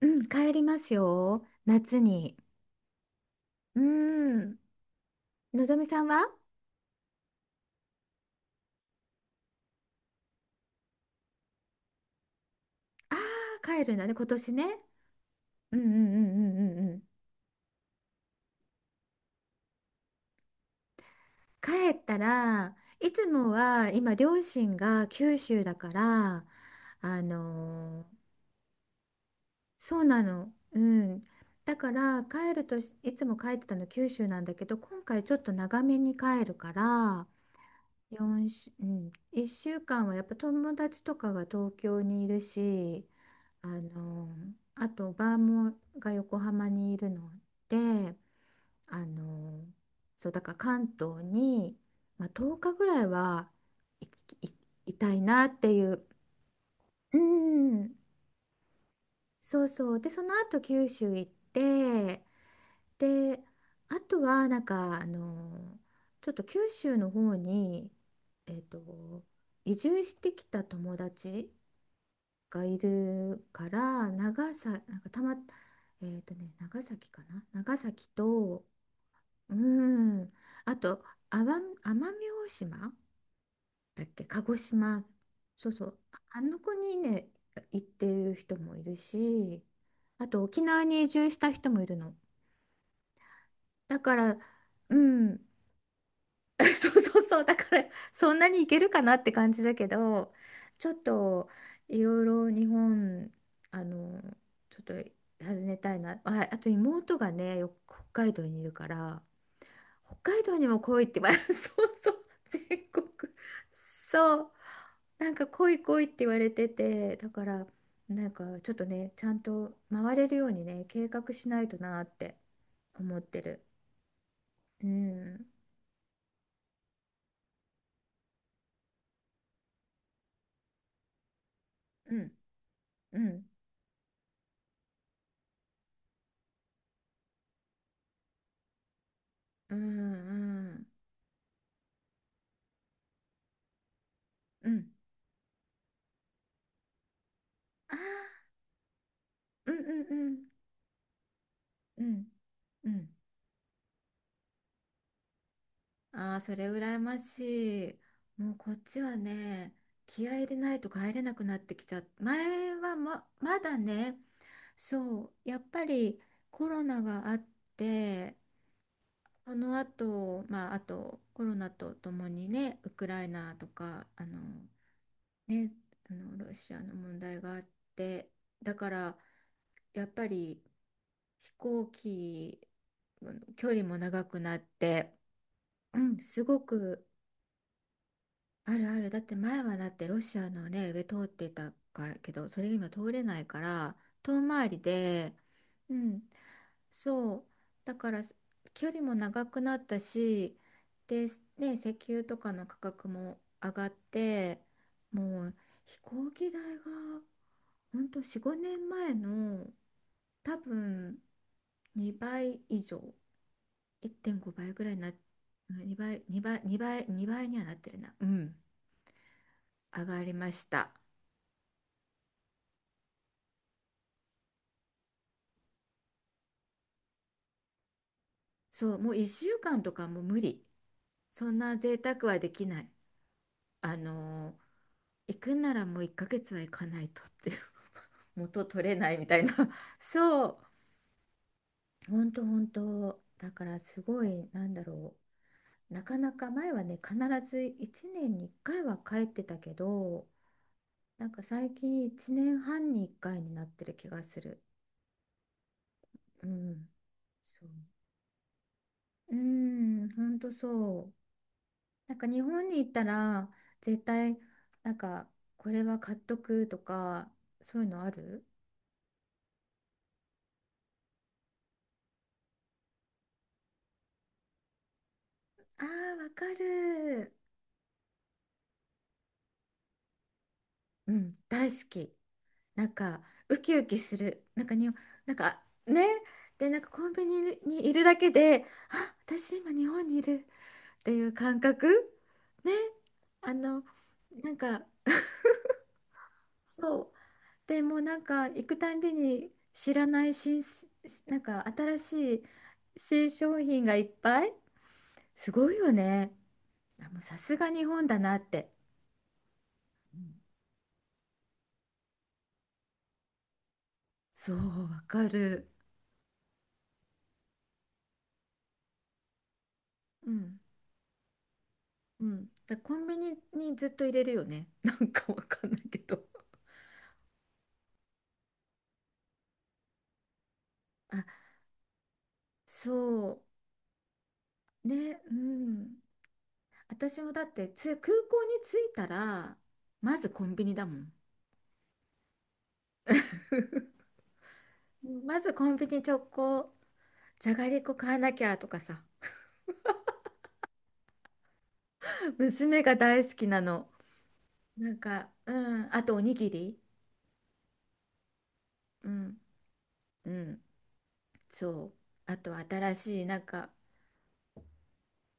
うん、帰りますよ。夏に。うん。のぞみさんはああー、帰るんだね、今年ね。うんうんうんうんうんうん。帰ったら、いつもは今、両親が九州だから、あのーそうなの。うん。だから、帰るとしいつも帰ってたの九州なんだけど、今回ちょっと長めに帰るから、4週、うん、1週間はやっぱ友達とかが東京にいるし、あのあとバーもが横浜にいるのであのそうだから関東に、まあ、10日ぐらいはい、い、いたいなっていう。うんそうそう。でその後九州行って。であとはなんかちょっと九州の方にえっと移住してきた友達がいるから。長さなんかたま、長崎かな。長崎と、うん、あと奄美、奄美大島だっけ、鹿児島。そうそう、ああの子にね行ってる人もいるし、あと沖縄に移住した人もいるの。だからうん。 そうそうそう。だから、そんなにいけるかなって感じだけど、ちょっと、いろいろ日本、あの、ちょっと訪ねたいな。まあ、あと妹がね、よく北海道にいるから、北海道にも来いって言われる。そうそう。全国。そう。なんか来い来いって言われてて、だから、なんかちょっとね、ちゃんと回れるようにね、計画しないとなって思ってる。うん。うん。うん。うんうんうんあーうんうんうんうんうん。ああー、それ羨ましい。もうこっちはね、気合い入れないと帰れなくなってきちゃった。前はまだね、そうやっぱりコロナがあって、その後まああとコロナとともにね、ウクライナとかね、あのロシアの問題があって、だからやっぱり飛行機、うん、距離も長くなって、うんすごくあるある。だって前はだってロシアのね、上通ってたからけど、それが今通れないから、遠回りで、うん、そう。だから距離も長くなったし、で、ね、石油とかの価格も上がって、もう飛行機代が、ほんと4、5年前の多分2倍以上、1.5倍ぐらいな、2倍、2倍、2倍、2倍にはなってるな。うん。上がりました。そう、もう1週間とかもう無理。そんな贅沢はできない。あのー行くんならもう1ヶ月は行かないとっていう。 元取れないみたいな。そう、本当本当。だからすごい、なんだろう。なかなか前はね、必ず1年に1回は帰ってたけど、なんか最近1年半に1回になってる気がする。うん。そう。うん、本当そう。なんか日本に行ったら絶対なんかこれは買っとくとかそういうのある。あーわかる。うん大好き。なんかウキウキするなんかに。なんかね、でなんかコンビニにいるだけで、あ私今日本にいるっていう感覚ね。あのなんかそう、でもうなんか行くたんびに知らないなんか新しい新商品がいっぱい、すごいよね。あもうさすが日本だなって。うんそうわかる。うんうん。だコンビニにずっと入れるよね。なんかわかんないけど。あ、そうね、うん。私もだって空港に着いたらまずコンビニだもん。まずコンビニ直行、じゃがりこ買わなきゃとかさ、娘が大好きなの。なんか、うん、あとおにぎり、うん、うん、そう。あと新しい、なんか、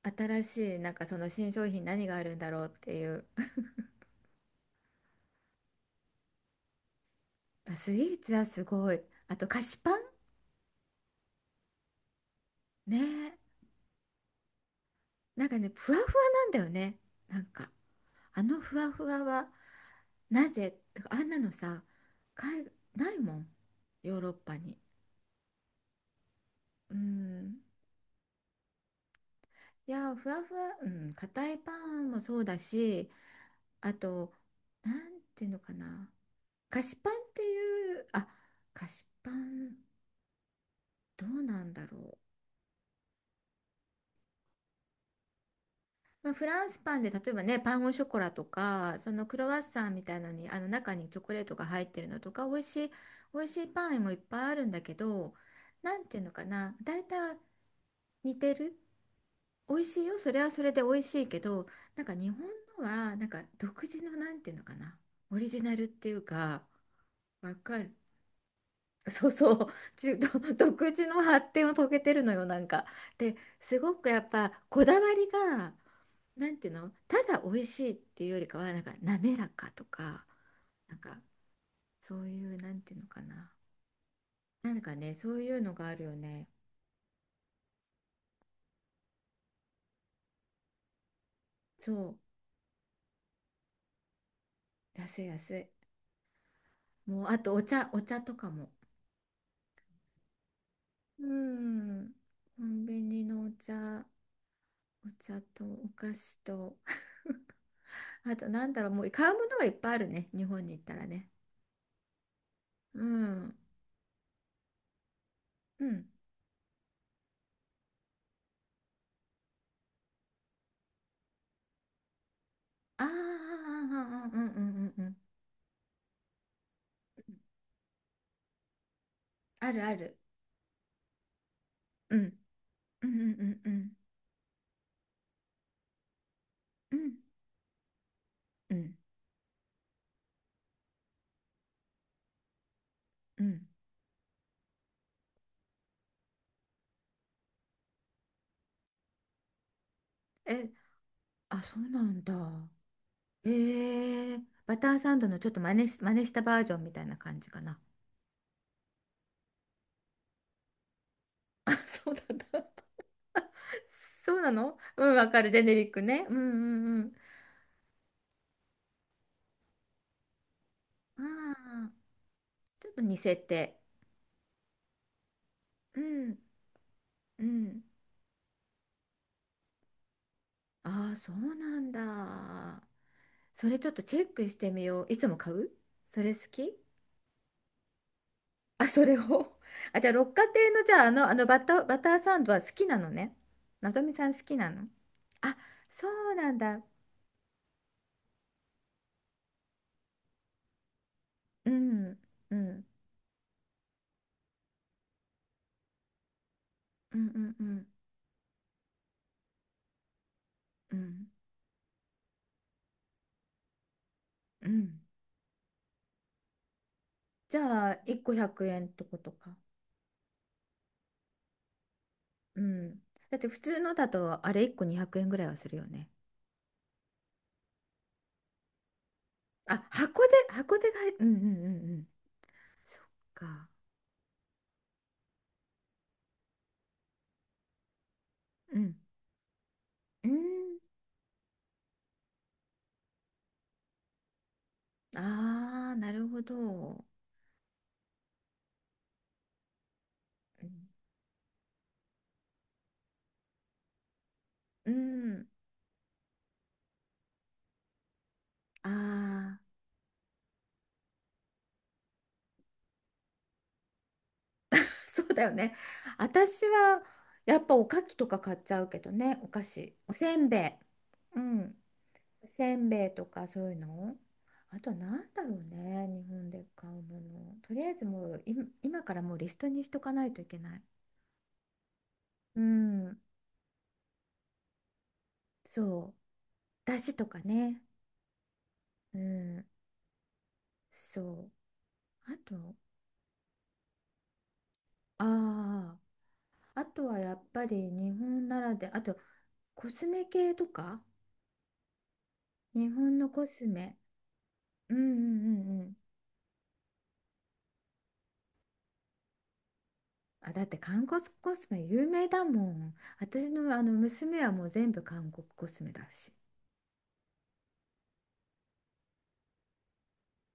新しい、なんかその新商品何があるんだろうっていう。あスイーツはすごい。あと菓子パンねえ。なんかね、ふわふわなんだよね。なんか、あのふわふわは、なぜ、あんなのさ、海、ないもん。ヨーロッパに。うん。いや、ふわふわ、うん、硬いパンもそうだし、あと、なんていうのかな。菓子パンっていう、あ、菓子パン。どうなんだろう。まあ、フランスパンで例えばね、パンゴショコラとか、そのクロワッサンみたいなのに、あの中にチョコレートが入ってるのとか、美味しい、美味しいパンもいっぱいあるんだけど、なんていうのかな、大体似てる。美味しいよ、それはそれで美味しいけど、なんか日本のは、なんか独自のなんていうのかな、オリジナルっていうか、わかる。そうそう、独自の発展を遂げてるのよ、なんか。で、すごくやっぱこだわりが、なんていうの、ただ美味しいっていうよりかは、なんか滑らかとか、なんかそういう、なんていうのかな。なんかね、そういうのがあるよね。そう、安い安い。もう、あとお茶、お茶とかも。うん、コンビニのお茶、お茶とお菓子と、あとなんだろう、もう買うものはいっぱいあるね、日本に行ったらね。うん、うん。あーあー、あーあーうんうんうんうん。あるある。うん、うんうんうんうん。うんうんうん。え、あ、そうなんだ。えー、バターサンドのちょっと真似したバージョンみたいな感じかな。あ、そうなんだ。そうなのうん、わかる。ジェネリックね。うんうんうん。ああ、ちょっと似せて。うんうん。ああ、そうなんだ。それちょっとチェックしてみよう。いつも買うそれ好き。 あ、それを。あ、じゃあ、六花亭の、じゃあ、あのバター、バターサンドは好きなのね。のぞみさん好きなの？あ、そうなんだ。うん、うん、うんうんうんうんうん。じゃあ1個100円ってことか？うん、だって普通のだとあれ1個200円ぐらいはするよね。あ箱で箱でがい、うんうんうんうん、そっか、うんうん、ああーなるほど、うんうん、ああー。 そうだよね。私はやっぱおかきとか買っちゃうけどね、お菓子おせんべい、うん、せんべいとかそういうの。あとなんだろうね、日本で買うものとりあえずもう今からもうリストにしとかないといけない。うんそう、だしとかね、うんそう、あと、ああー、あとはやっぱり日本ならで、あとコスメ系とか、日本のコスメ。うんうんうんうん。あだって韓国コスメ有名だもん。私のあの娘はもう全部韓国コスメだし、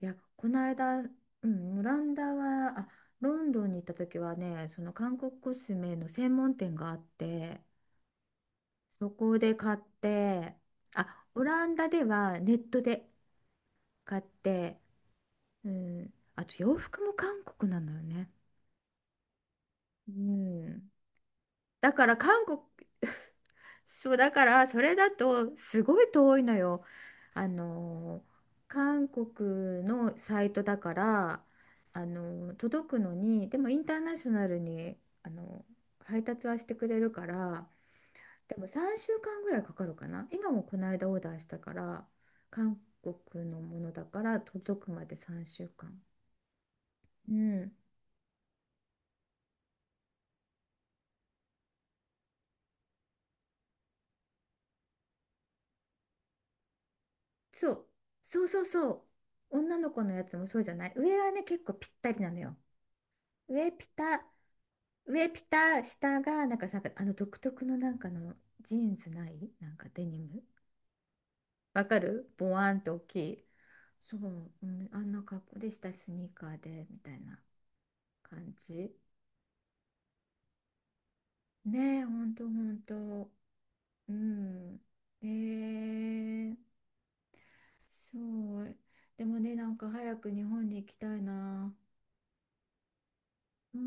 いや、この間、うん、オランダは、あ、ロンドンに行った時はね、その韓国コスメの専門店があって、そこで買って、あ、オランダではネットで買って、うん、あと洋服も韓国なのよね。うん、だから韓国。 そうだからそれだとすごい遠いのよ。あの韓国のサイトだから、届くのに、でもインターナショナルに配達はしてくれるから、でも3週間ぐらいかかるかな。今もこの間オーダーしたから、韓国のものだから届くまで3週間。うん、そうそうそうそう。女の子のやつもそうじゃない、上はね結構ぴったりなのよ。上ピタ上ピタ、下が、なんかさ、あの独特のなんかのジーンズない、なんかデニム。わかる、ボワンと大きい。そう、うん、あんな格好でした、スニーカーで、みたいな感じ。ねえ、ほんとほんと。うん。えー、そう。でもね、なんか早く日本に行きたいな。うん。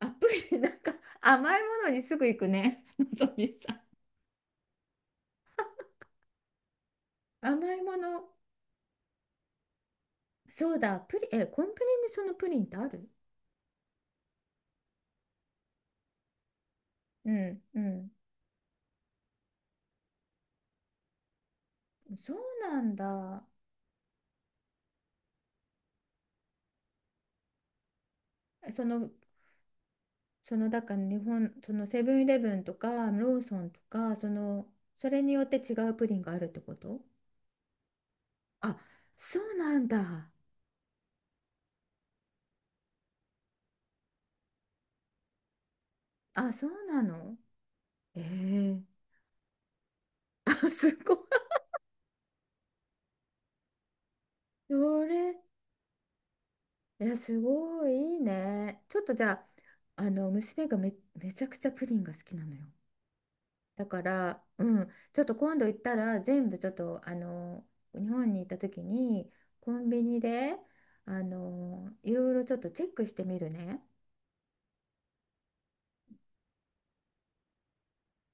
アプリ、なんか甘いものにすぐ行くね、のぞみさん。甘いもの。そうだ、プリえ、コンプリにそのプリンってある？うんうん。そうなんだ。その、その、だから日本、そのセブンイレブンとかローソンとか、その、それによって違うプリンがあるってこと？あ、そうなんだ。あ、そうなのええ。 あ、すごい。それ、いや、すごいいいね。ちょっとじゃあ、娘がめちゃくちゃプリンが好きなのよ。だから、うん、ちょっと今度行ったら全部ちょっと日本に行った時にコンビニでいろいろちょっとチェックしてみるね。